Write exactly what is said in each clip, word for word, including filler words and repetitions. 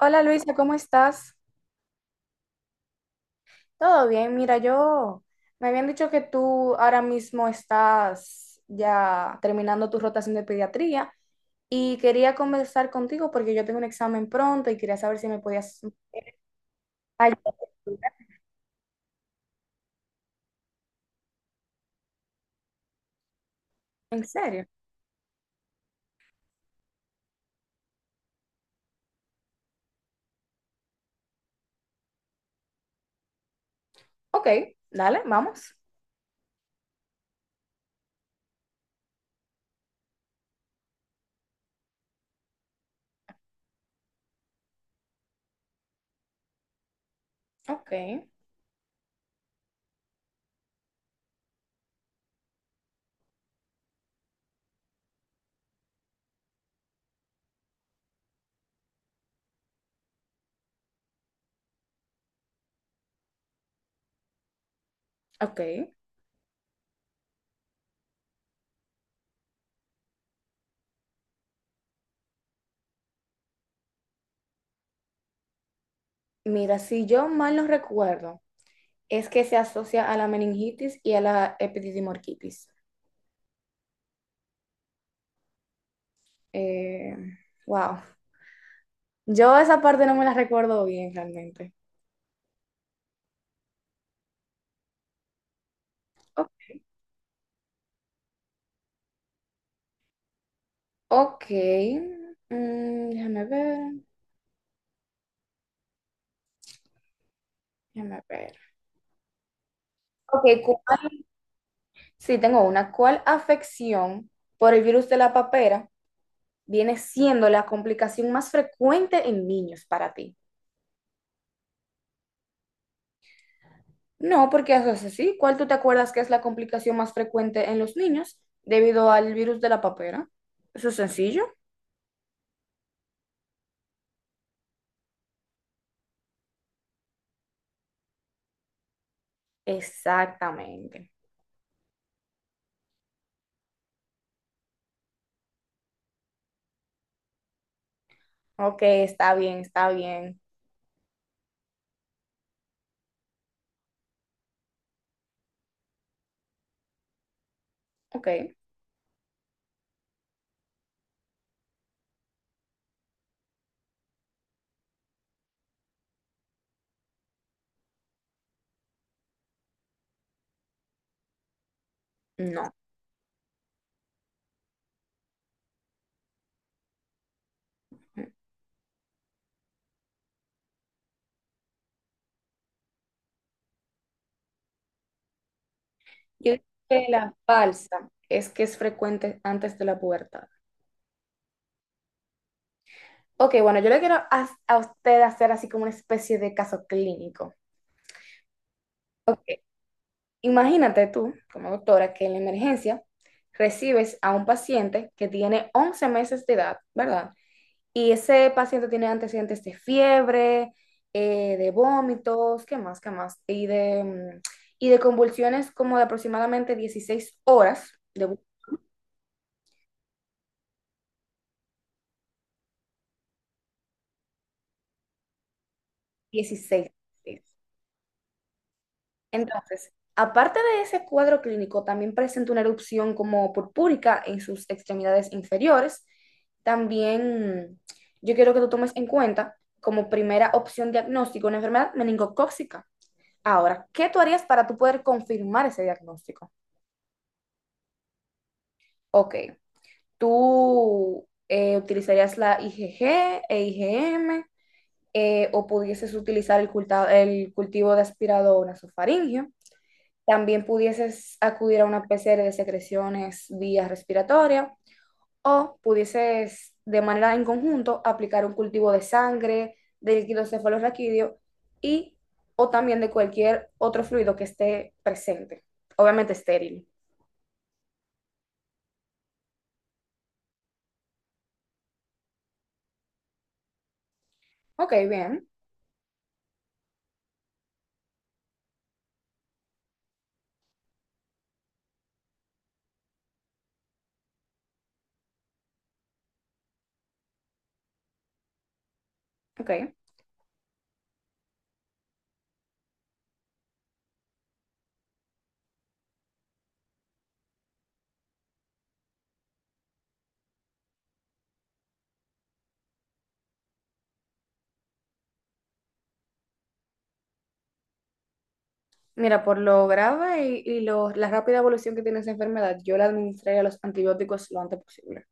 Hola Luisa, ¿cómo estás? Todo bien, mira, yo me habían dicho que tú ahora mismo estás ya terminando tu rotación de pediatría y quería conversar contigo porque yo tengo un examen pronto y quería saber si me podías ayudar. ¿En serio? Ok, dale, vamos. Ok, ok. Mira, si yo mal no recuerdo, es que se asocia a la meningitis y a la epididimorquitis. Eh, wow. Yo esa parte no me la recuerdo bien realmente. O- Ok. Mm, déjame ver, déjame ver. Ok, cu- sí, tengo una. ¿Cuál afección por el virus de la papera viene siendo la complicación más frecuente en niños para ti? No, porque eso es así. ¿Cuál tú te acuerdas que es la complicación más frecuente en los niños debido al virus de la papera? Eso es sencillo. Exactamente. Ok, está bien, está bien. Ok, no. Yo digo que la balsa es que es frecuente antes de la pubertad. Ok, bueno, yo le quiero a, a usted hacer así como una especie de caso clínico. Ok, imagínate tú, como doctora, que en la emergencia recibes a un paciente que tiene once meses de edad, ¿verdad? Y ese paciente tiene antecedentes de fiebre, eh, de vómitos, ¿qué más, qué más? Y de, mm, y de convulsiones como de aproximadamente dieciséis horas, de dieciséis. Entonces, aparte de ese cuadro clínico, también presenta una erupción como purpúrica en sus extremidades inferiores. También yo quiero que tú tomes en cuenta como primera opción diagnóstico una enfermedad meningocócica. Ahora, ¿qué tú harías para tú poder confirmar ese diagnóstico? Ok, tú eh, utilizarías la IgG e IgM, eh, o pudieses utilizar el, culta- el cultivo de aspirado nasofaríngeo. También pudieses acudir a una P C R de secreciones vía respiratoria, o pudieses de manera en conjunto aplicar un cultivo de sangre, de líquido cefalorraquídeo y o también de cualquier otro fluido que esté presente, obviamente estéril. Ok, bien, ok. Mira, por lo grave y, y lo- la rápida evolución que tiene esa enfermedad, yo le administraría los antibióticos lo antes posible.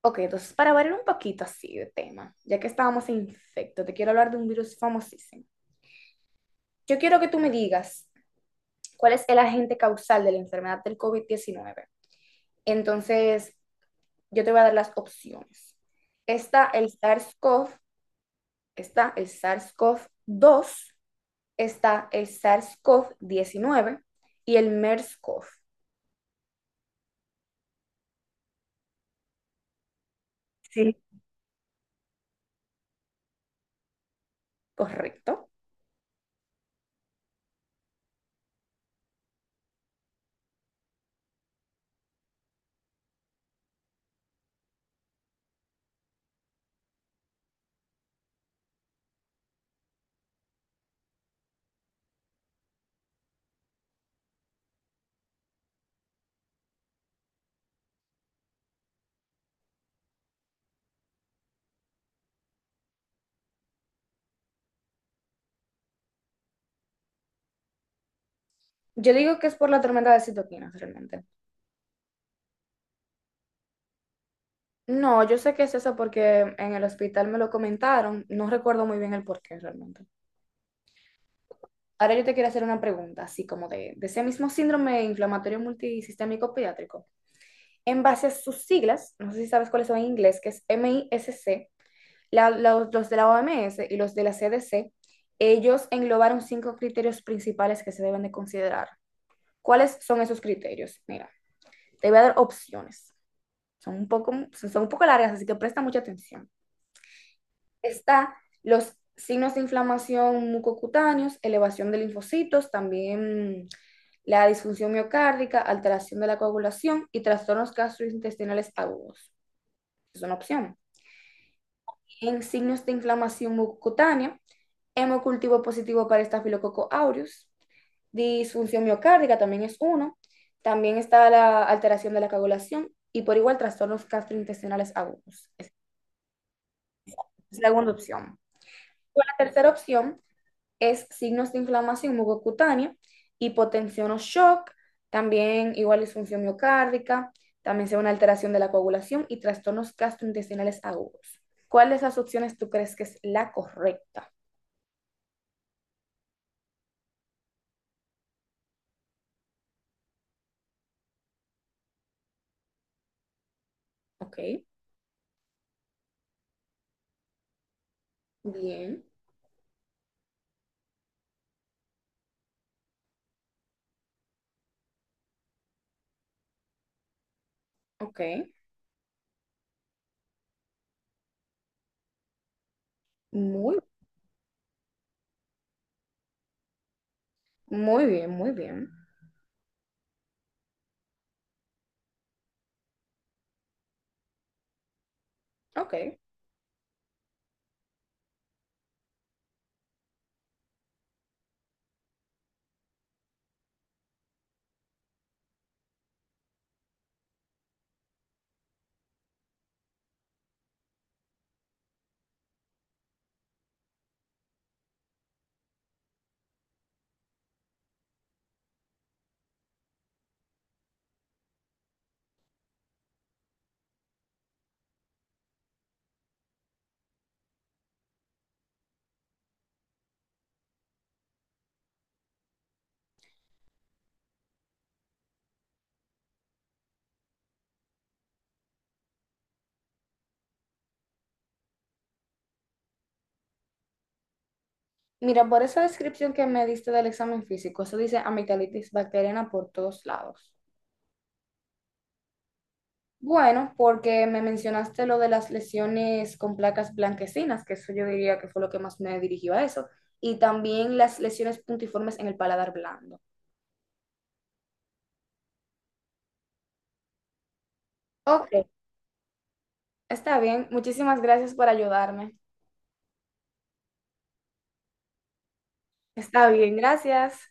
Ok, entonces para variar un poquito así de tema, ya que estábamos en infecto, te quiero hablar de un virus famosísimo. Yo quiero que tú me digas cuál es el agente causal de la enfermedad del covid diecinueve. Entonces, yo te voy a dar las opciones. Está el SARS-CoV, está el sars cov dos, está el sars cov diecinueve y el MERS-CoV. Sí. Correcto. Yo digo que es por la tormenta de citoquinas realmente. No, yo sé que es eso porque en el hospital me lo comentaron. No recuerdo muy bien el porqué realmente. Ahora yo te quiero hacer una pregunta, así como de, de ese mismo síndrome inflamatorio multisistémico pediátrico. En base a sus siglas, no sé si sabes cuáles son en inglés, que es M I S C, la- la- los de la O M S y los de la C D C, ellos englobaron cinco criterios principales que se deben de considerar. ¿Cuáles son esos criterios? Mira, te voy a dar opciones. Son un poco, son un poco largas, así que presta mucha atención. Está los signos de inflamación mucocutáneos, elevación de linfocitos, también la disfunción miocárdica, alteración de la coagulación y trastornos gastrointestinales agudos. Es una opción. En signos de inflamación mucocutánea, hemocultivo positivo para estafilococo aureus, disfunción miocárdica también es uno, también está la alteración de la coagulación y por igual trastornos gastrointestinales agudos. Es la segunda opción. La tercera opción es signos de inflamación mucocutánea, hipotensión o shock, también igual disfunción miocárdica, también sea una alteración de la coagulación y trastornos gastrointestinales agudos. ¿Cuál de esas opciones tú crees que es la correcta? Ok, bien, ok, muy, muy bien, muy bien, ok. Mira, por esa descripción que me diste del examen físico, eso dice amigdalitis bacteriana por todos lados. Bueno, porque me mencionaste lo de las lesiones con placas blanquecinas, que eso yo diría que fue lo que más me dirigió a eso, y también las lesiones puntiformes en el paladar blando. Ok, está bien. Muchísimas gracias por ayudarme. Está bien, gracias.